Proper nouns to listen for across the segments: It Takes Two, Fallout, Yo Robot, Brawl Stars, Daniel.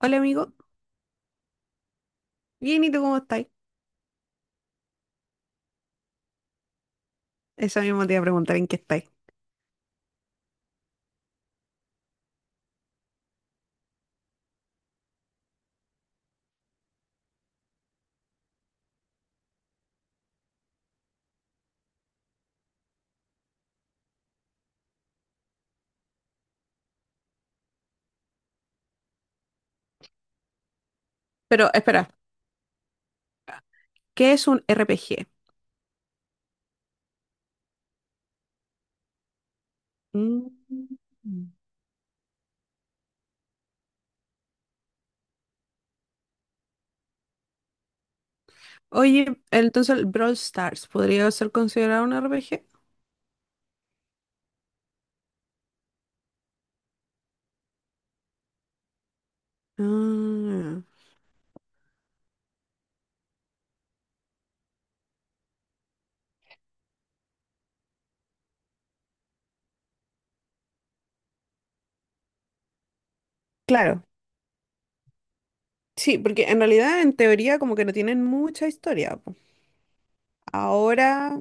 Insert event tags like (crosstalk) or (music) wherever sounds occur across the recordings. Hola amigo, bien, ¿y tú cómo estáis? Eso mismo te iba a preguntar en qué estáis. Pero espera, ¿qué es un RPG? Mm. Oye, ¿entonces el Brawl Stars podría ser considerado un RPG? Ah, claro, sí, porque en realidad en teoría como que no tienen mucha historia, po. Ahora,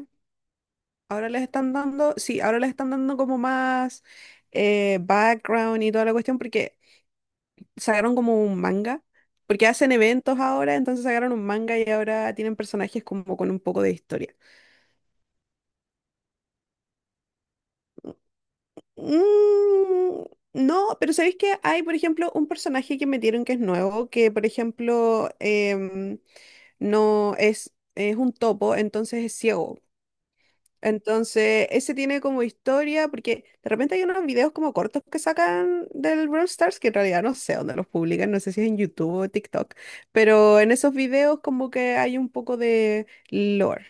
ahora les están dando, sí, ahora les están dando como más background y toda la cuestión, porque sacaron como un manga, porque hacen eventos ahora, entonces sacaron un manga y ahora tienen personajes como con un poco de historia. Mm, no, pero ¿sabéis que hay, por ejemplo, un personaje que metieron que es nuevo, que por ejemplo em, no es, es un topo, entonces es ciego? Entonces, ese tiene como historia, porque de repente hay unos videos como cortos que sacan del Brawl Stars, que en realidad no sé dónde los publican, no sé si es en YouTube o TikTok, pero en esos videos como que hay un poco de lore.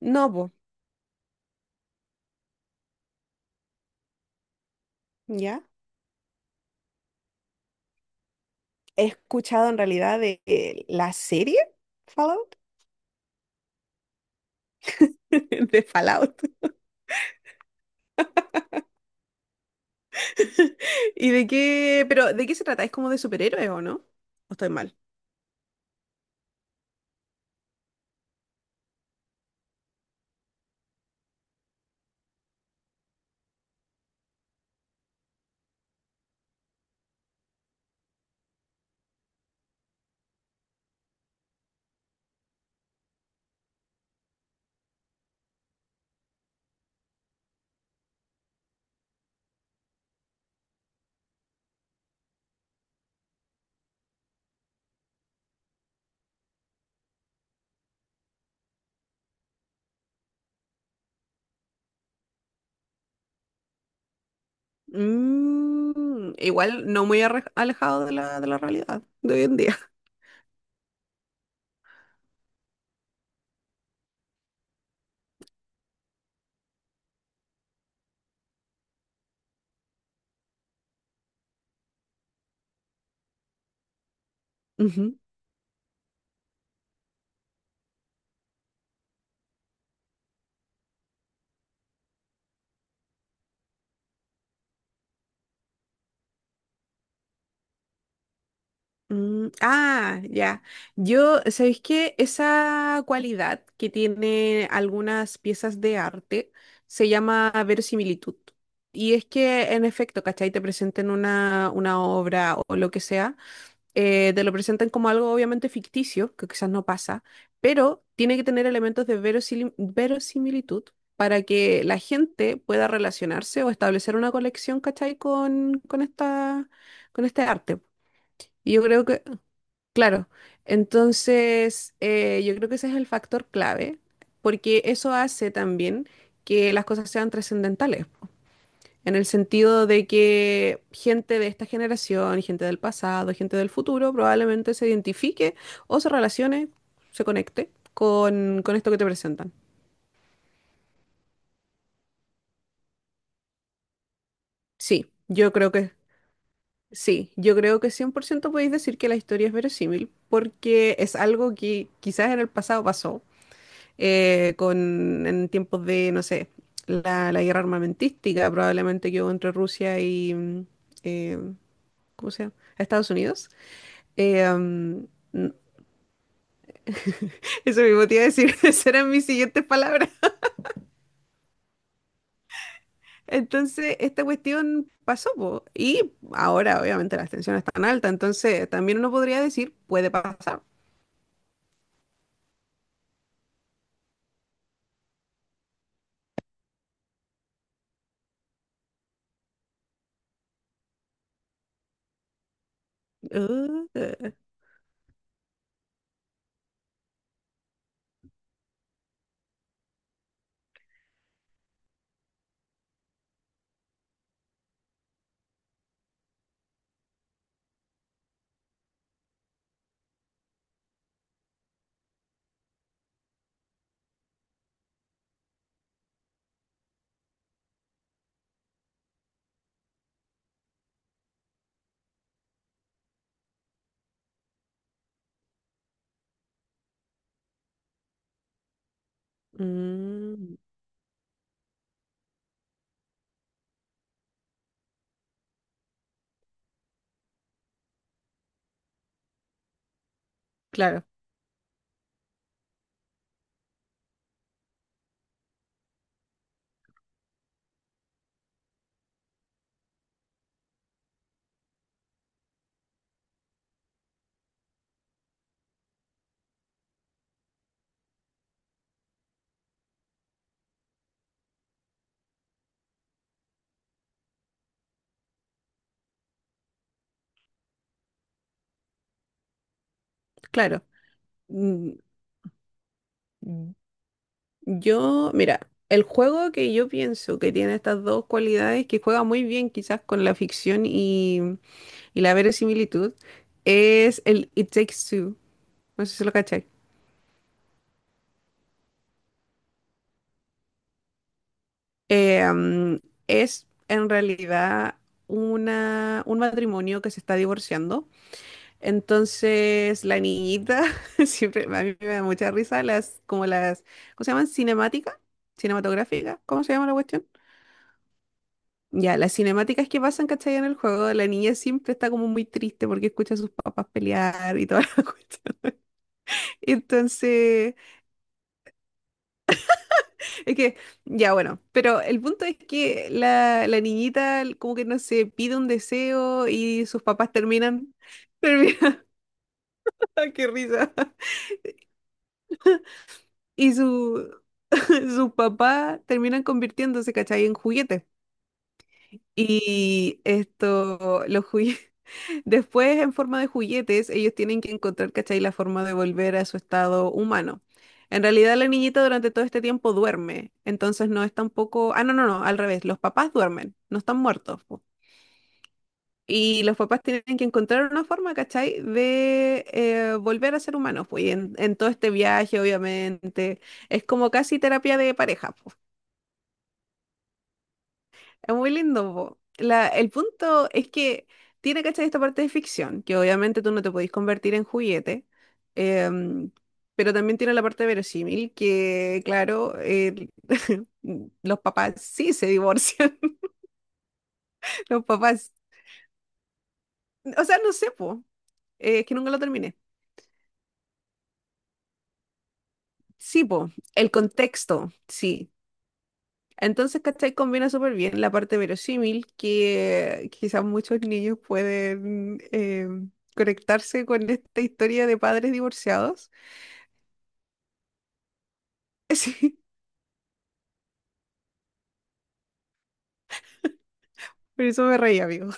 No, po. ¿Ya? He escuchado en realidad de la serie Fallout, (laughs) de Fallout. (laughs) ¿Y de qué, pero de qué se trata? ¿Es como de superhéroes o no? ¿O estoy mal? Mm, igual no muy alejado de la realidad de hoy en día. Ujú. Mm, ah, ya. Yo, ¿sabéis qué? Esa cualidad que tiene algunas piezas de arte se llama verosimilitud. Y es que, en efecto, ¿cachai? Te presenten una obra o lo que sea, te lo presentan como algo obviamente ficticio, que quizás no pasa, pero tiene que tener elementos de verosimilitud para que la gente pueda relacionarse o establecer una conexión, ¿cachai? Con esta, con este arte. Y yo creo que, claro, entonces yo creo que ese es el factor clave, porque eso hace también que las cosas sean trascendentales, po, en el sentido de que gente de esta generación, gente del pasado, gente del futuro, probablemente se identifique o se relacione, se conecte con esto que te presentan. Sí, yo creo que, sí, yo creo que 100% podéis decir que la historia es verosímil, porque es algo que quizás en el pasado pasó con, en tiempos de, no sé, la guerra armamentística probablemente que hubo entre Rusia y, eh, ¿cómo se llama? Estados Unidos. Eh, mm, (laughs) eso mismo te iba a decir, (laughs) esas eran mis siguientes palabras. Entonces, esta cuestión pasó, po, y ahora obviamente las tensiones están altas, entonces también uno podría decir, puede pasar. Uh, mm, claro, claro. Mm, Yo, mira, el juego que yo pienso que tiene estas dos cualidades, que juega muy bien quizás con la ficción y la verosimilitud, es el It Takes Two. No sé si lo cachai. Eh, mm, es en realidad una, un matrimonio que se está divorciando. Entonces, la niñita, (laughs) siempre a mí me da mucha risa las, como las, ¿cómo se llaman? Cinemática, cinematográfica, ¿cómo se llama la cuestión? Ya, las cinemáticas que pasan, ¿cachai? En el juego, la niña siempre está como muy triste porque escucha a sus papás pelear y toda la (laughs) cuestión. Entonces, es que, ya bueno, pero el punto es que la niñita como que no sé, pide un deseo y sus papás terminan, (laughs) terminan, (laughs) qué risa. Y su, (laughs) sus papás terminan convirtiéndose, ¿cachai? En juguetes. Y esto, los juguetes. Después, en forma de juguetes, ellos tienen que encontrar, ¿cachai? La forma de volver a su estado humano. En realidad, la niñita durante todo este tiempo duerme, entonces no es tampoco... Ah, no, no, no, al revés, los papás duermen, no están muertos, po. Y los papás tienen que encontrar una forma, ¿cachai? De volver a ser humanos, pues. Y en todo este viaje, obviamente, es como casi terapia de pareja. Es muy lindo, po. La- el punto es que tiene, ¿cachai? Esta parte de ficción, que obviamente tú no te podís convertir en juguete, em, pero también tiene la parte verosímil, que claro, el- (laughs) los papás sí se divorcian, (laughs) los papás, o sea, no sé, po, es que nunca lo terminé. Sí, po, el contexto, sí. Entonces, ¿cachai? Combina súper bien la parte verosímil que quizás muchos niños pueden conectarse con esta historia de padres divorciados. (laughs) Sí, por eso me reí, amigo.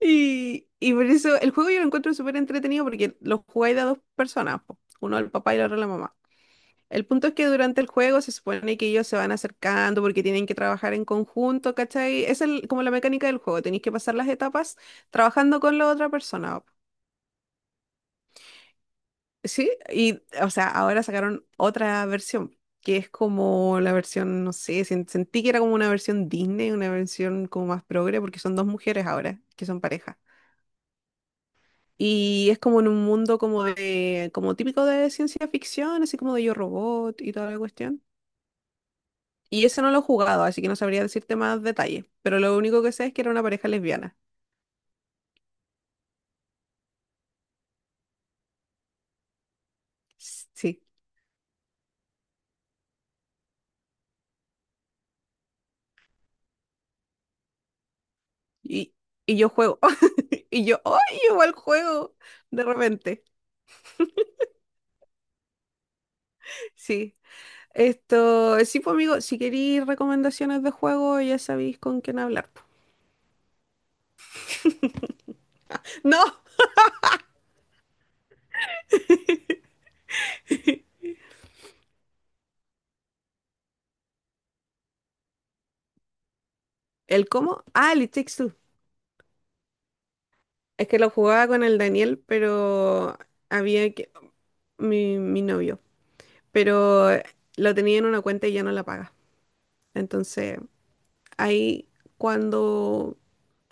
Y por eso el juego yo lo encuentro súper entretenido porque lo jugáis de a dos personas, po. Uno el papá y la otra la mamá. El punto es que durante el juego se supone que ellos se van acercando porque tienen que trabajar en conjunto, ¿cachai? Esa es el- como la mecánica del juego, tenéis que pasar las etapas trabajando con la otra persona. Sí, y o sea, ahora sacaron otra versión, que es como la versión, no sé, sentí que era como una versión Disney, una versión como más progre, porque son dos mujeres ahora, que son pareja. Y es como en un mundo como de, como típico de ciencia ficción, así como de Yo Robot y toda la cuestión. Y ese no lo he jugado, así que no sabría decirte más detalles, pero lo único que sé es que era una pareja lesbiana. S- Sí, y, y yo juego, (laughs) y yo, ¡ay, igual juego! De repente, sí. Esto, sí, pues amigo, si queréis recomendaciones de juego, ya sabéis con quién hablar, po. No, ¿el cómo? Ah, el It Takes Two. Es que lo jugaba con el Daniel, pero había que... mi novio. Pero lo tenía en una cuenta y ya no la paga. Entonces, ahí cuando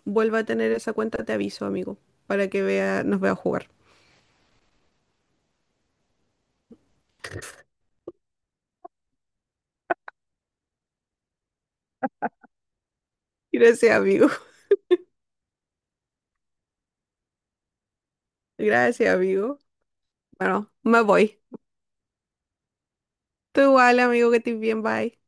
vuelva a tener esa cuenta te aviso, amigo, para que vea, nos vea jugar. Gracias, amigo. (laughs) Gracias, amigo. Bueno, me voy. Tú igual, amigo, que estés bien, bye.